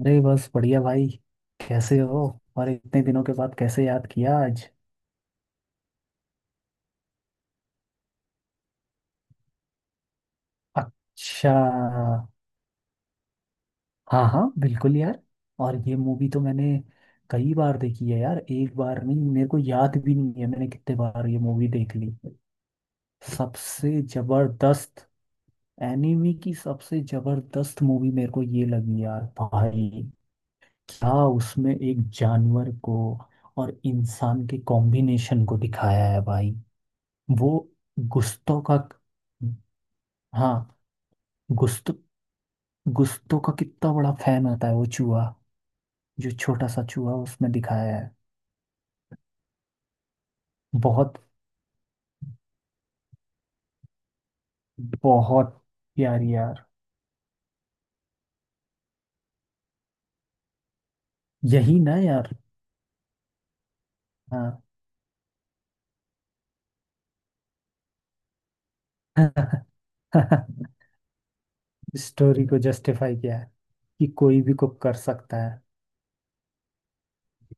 अरे बस बढ़िया भाई। कैसे हो। और इतने दिनों के बाद कैसे याद किया आज। अच्छा। हाँ हाँ, बिल्कुल यार। और ये मूवी तो मैंने कई बार देखी है यार। एक बार नहीं, मेरे को याद भी नहीं है मैंने कितने बार ये मूवी देख ली। सबसे जबरदस्त एनिमी की सबसे जबरदस्त मूवी मेरे को ये लगी यार भाई। क्या उसमें एक जानवर को और इंसान के कॉम्बिनेशन को दिखाया है भाई। वो गुस्तों का। हाँ। गुस्त गुस्तों का कितना बड़ा फैन होता है वो चूहा, जो छोटा सा चूहा उसमें दिखाया है। बहुत बहुत प्यारी यार। यही ना यार। हाँ। स्टोरी को जस्टिफाई किया है कि कोई भी कुक कर सकता है।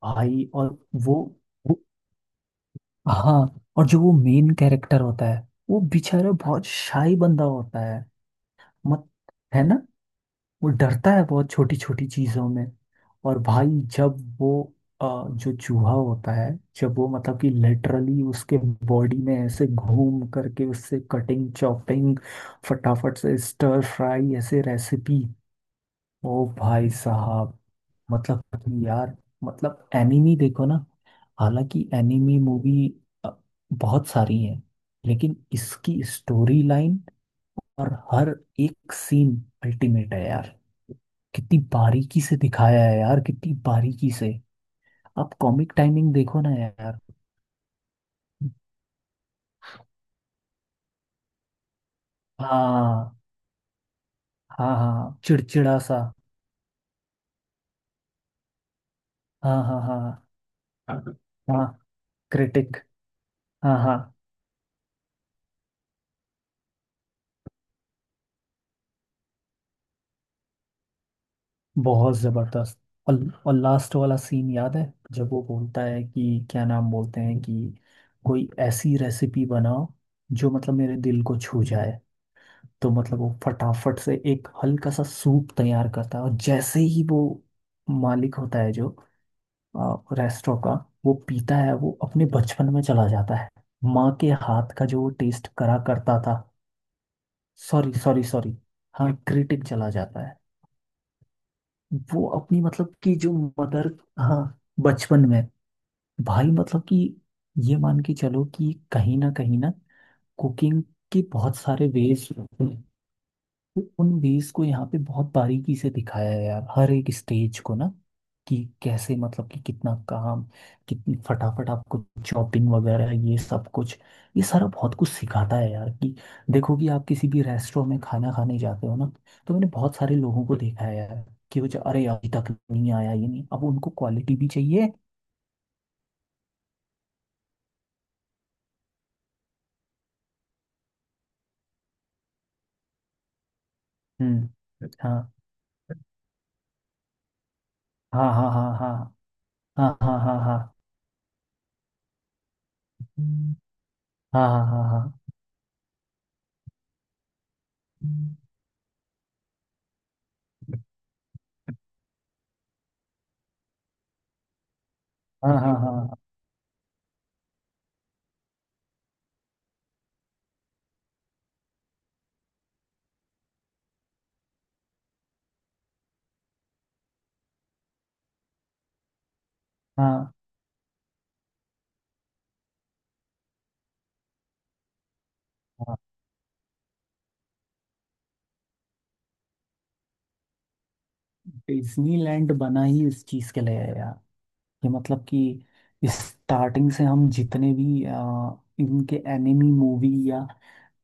भाई और वो। हाँ। और जो वो मेन कैरेक्टर होता है वो बेचारा बहुत शाही बंदा होता है। मत है वो डरता है बहुत छोटी छोटी चीजों में। और भाई जब वो अ, जो चूहा होता है, जब वो मतलब कि लिटरली उसके बॉडी में ऐसे घूम करके उससे कटिंग चॉपिंग फटाफट से स्टर फ्राई ऐसे रेसिपी। ओ भाई साहब, मतलब कि यार, मतलब एनिमी देखो ना। हालांकि एनिमी मूवी बहुत सारी है, लेकिन इसकी स्टोरी लाइन और हर एक सीन अल्टीमेट है यार। कितनी बारीकी से दिखाया है यार, कितनी बारीकी से। आप कॉमिक टाइमिंग देखो ना यार। हाँ हाँ हाँ, चिड़चिड़ा सा। हाँ हाँ हाँ हाँ। क्रिटिक। हाँ हाँ। बहुत जबरदस्त। और लास्ट वाला सीन याद है, जब वो बोलता है कि क्या नाम बोलते हैं, कि कोई ऐसी रेसिपी बनाओ जो मतलब मेरे दिल को छू जाए। तो मतलब वो फटाफट से एक हल्का सा सूप तैयार करता है, और जैसे ही वो मालिक होता है जो रेस्टोरेंट का, वो पीता है, वो अपने बचपन में चला जाता है, माँ के हाथ का जो वो टेस्ट करा करता था। Sorry sorry sorry. हाँ, क्रिटिक चला जाता है। वो अपनी मतलब कि जो मदर। हाँ। बचपन में। भाई मतलब कि ये मान के चलो कि कहीं ना कुकिंग के बहुत सारे वेज। तो उन वेज को यहाँ पे बहुत बारीकी से दिखाया है यार, हर एक स्टेज को ना। कि कैसे मतलब कि कितना काम, कितनी फटाफट आपको चॉपिंग वगैरह ये सब कुछ। ये सारा बहुत कुछ सिखाता है यार, कि देखो कि आप किसी भी रेस्टोरेंट में खाना खाने जाते हो ना, तो मैंने बहुत सारे लोगों को देखा है यार कि वो जो अरे अभी तक नहीं आया ये नहीं, अब उनको क्वालिटी भी चाहिए। हम्म। हाँ हाँ हाँ हाँ हाँ हाँ हाँ हाँ हाँ हाँ हाँ हाँ हाँ हाँ हाँ हाँ हाँ हाँ हाँ। डिज्नीलैंड बना ही इस चीज के लिए है यार। कि मतलब कि स्टार्टिंग से हम जितने भी इनके एनिमी मूवी या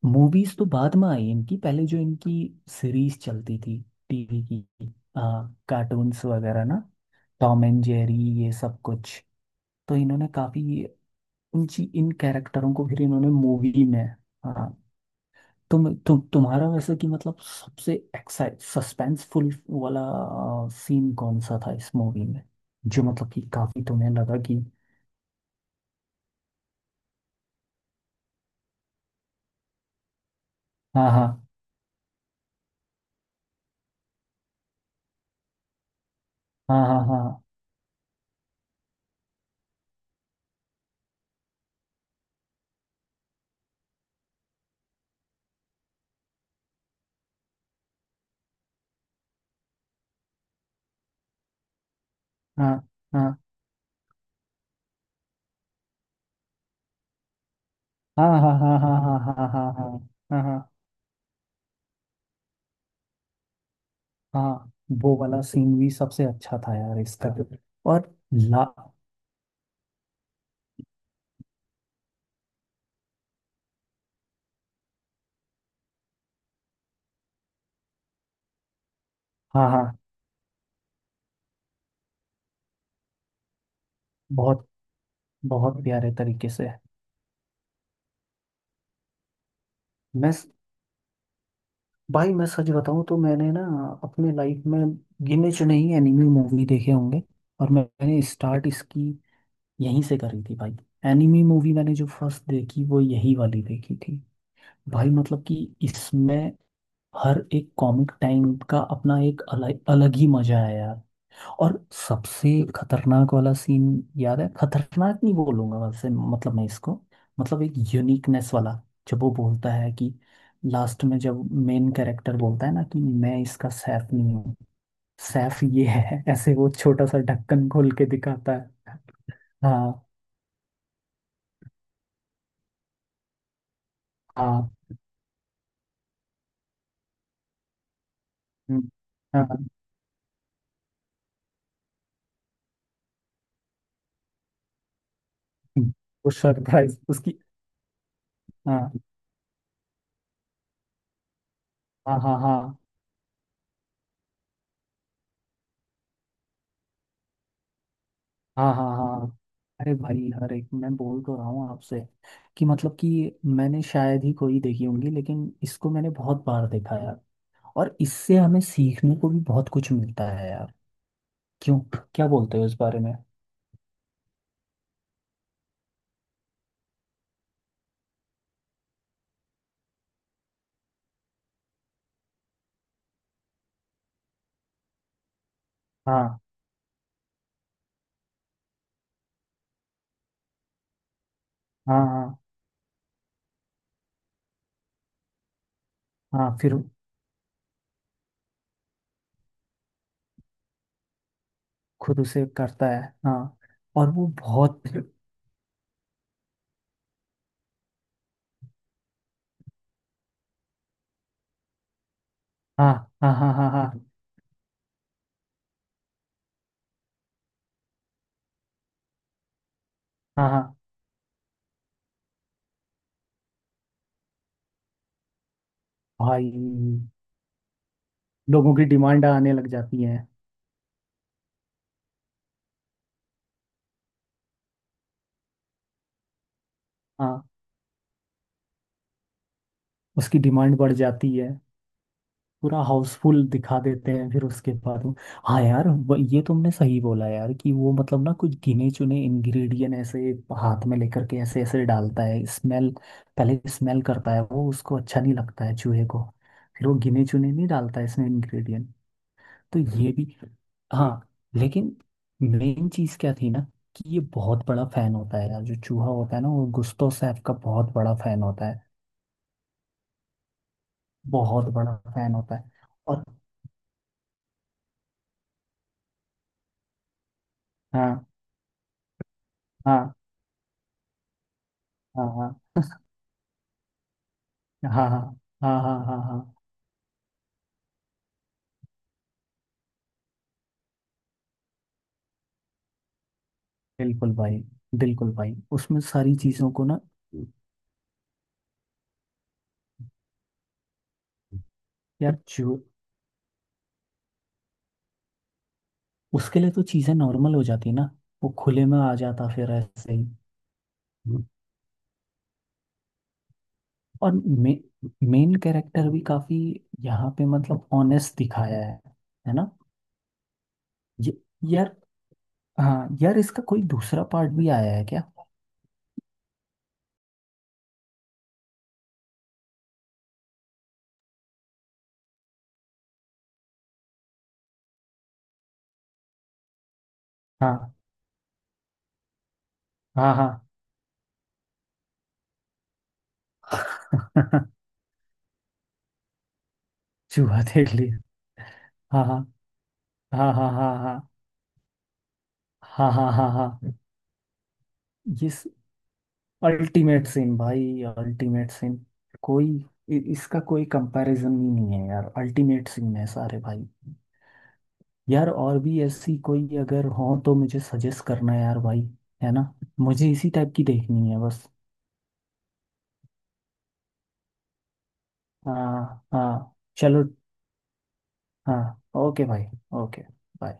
मूवीज तो बाद में आई इनकी, पहले जो इनकी सीरीज चलती थी टीवी की, कार्टून्स वगैरह ना, टॉम एंड जेरी ये सब कुछ। तो इन्होंने काफी इन कैरेक्टरों को फिर इन्होंने मूवी में। हाँ। तुम्हारा वैसे कि मतलब सबसे एक्साइट सस्पेंसफुल वाला सीन कौन सा था इस मूवी में, जो मतलब कि काफी तुम्हें लगा कि। हाँ हाँ हाँ हाँ हाँ हाँ हाँ हाँ हाँ हाँ हाँ हाँ हाँ हाँ हाँ हाँ हाँ हाँ, हाँ, वो वाला सीन भी सबसे अच्छा था यार इसका। और ला। हाँ हाँ। बहुत बहुत प्यारे तरीके से। मैं, भाई मैं सच बताऊं तो मैंने ना अपने लाइफ में गिने चुने ही एनिमी मूवी देखे होंगे। और मैंने स्टार्ट इसकी यहीं से करी थी भाई। एनिमी मूवी मैंने जो फर्स्ट देखी वो यही वाली देखी थी। भाई मतलब कि इसमें हर एक कॉमिक टाइम का अपना एक अलग अलग ही मजा है यार। और सबसे खतरनाक वाला सीन याद है, खतरनाक नहीं बोलूंगा वैसे, मतलब मैं इसको मतलब एक यूनिकनेस वाला। जब वो बोलता है कि लास्ट में जब मेन कैरेक्टर बोलता है ना, कि मैं इसका सैफ नहीं हूँ, सैफ ये है, ऐसे वो छोटा सा ढक्कन खोल के दिखाता है। हाँ हाँ। हम्म। हाँ। हम्म। वो सरप्राइज उसकी। हाँ हाँ हाँ हाँ हाँ हाँ हाँ। अरे भाई हर एक मैं बोल तो रहा हूँ आपसे कि मतलब कि मैंने शायद ही कोई देखी होंगी, लेकिन इसको मैंने बहुत बार देखा है यार। और इससे हमें सीखने को भी बहुत कुछ मिलता है यार। क्यों, क्या बोलते हो इस बारे में। हाँ हाँ हाँ हाँ, फिर खुद उसे करता है हाँ। और वो बहुत। हाँ हाँ हाँ हाँ हाँ हाँ हाँ। भाई लोगों की डिमांड आने लग जाती है। हाँ, उसकी डिमांड बढ़ जाती है। पूरा हाउसफुल दिखा देते हैं फिर उसके बाद वो। हाँ यार, वो- ये तुमने सही बोला यार कि वो मतलब ना कुछ गिने चुने इंग्रेडिएंट ऐसे हाथ में लेकर के ऐसे ऐसे डालता है स्मेल। पहले स्मेल करता है, वो उसको अच्छा नहीं लगता है चूहे को। फिर वो गिने चुने नहीं डालता है इसमें इंग्रेडिएंट। तो ये भी। हाँ। लेकिन मेन चीज़ क्या थी ना, कि ये बहुत बड़ा फैन होता है यार, जो चूहा होता है ना, वो गुस्तव सैफ का बहुत बड़ा फैन होता है। बहुत बड़ा फैन होता है। और। हाँ हाँ हाँ हाँ हाँ हाँ हाँ हाँ हाँ हाँ। बिल्कुल भाई, बिल्कुल भाई उसमें सारी चीज़ों को ना। यार जो। उसके लिए तो चीज़ें नॉर्मल हो जाती ना। वो खुले में आ जाता फिर ऐसे ही। और मेन कैरेक्टर भी काफ़ी यहाँ पे मतलब ऑनेस्ट दिखाया है ना। ये यार। हाँ यार इसका कोई दूसरा पार्ट भी आया है क्या। हाँ हाँ हाँ। चूहा देख लिया। हाँ हाँ हाँ हाँ हाँ हाँ हाँ हाँ हाँ हाँ हाँ। ये अल्टीमेट सिन भाई, अल्टीमेट सिन। कोई इसका कोई कंपैरिजन ही नहीं है यार, अल्टीमेट सिन है सारे भाई। यार और भी ऐसी कोई अगर हो तो मुझे सजेस्ट करना यार भाई। है ना, मुझे इसी टाइप की देखनी है बस। हाँ हाँ। चलो। हाँ ओके भाई। ओके। बाय।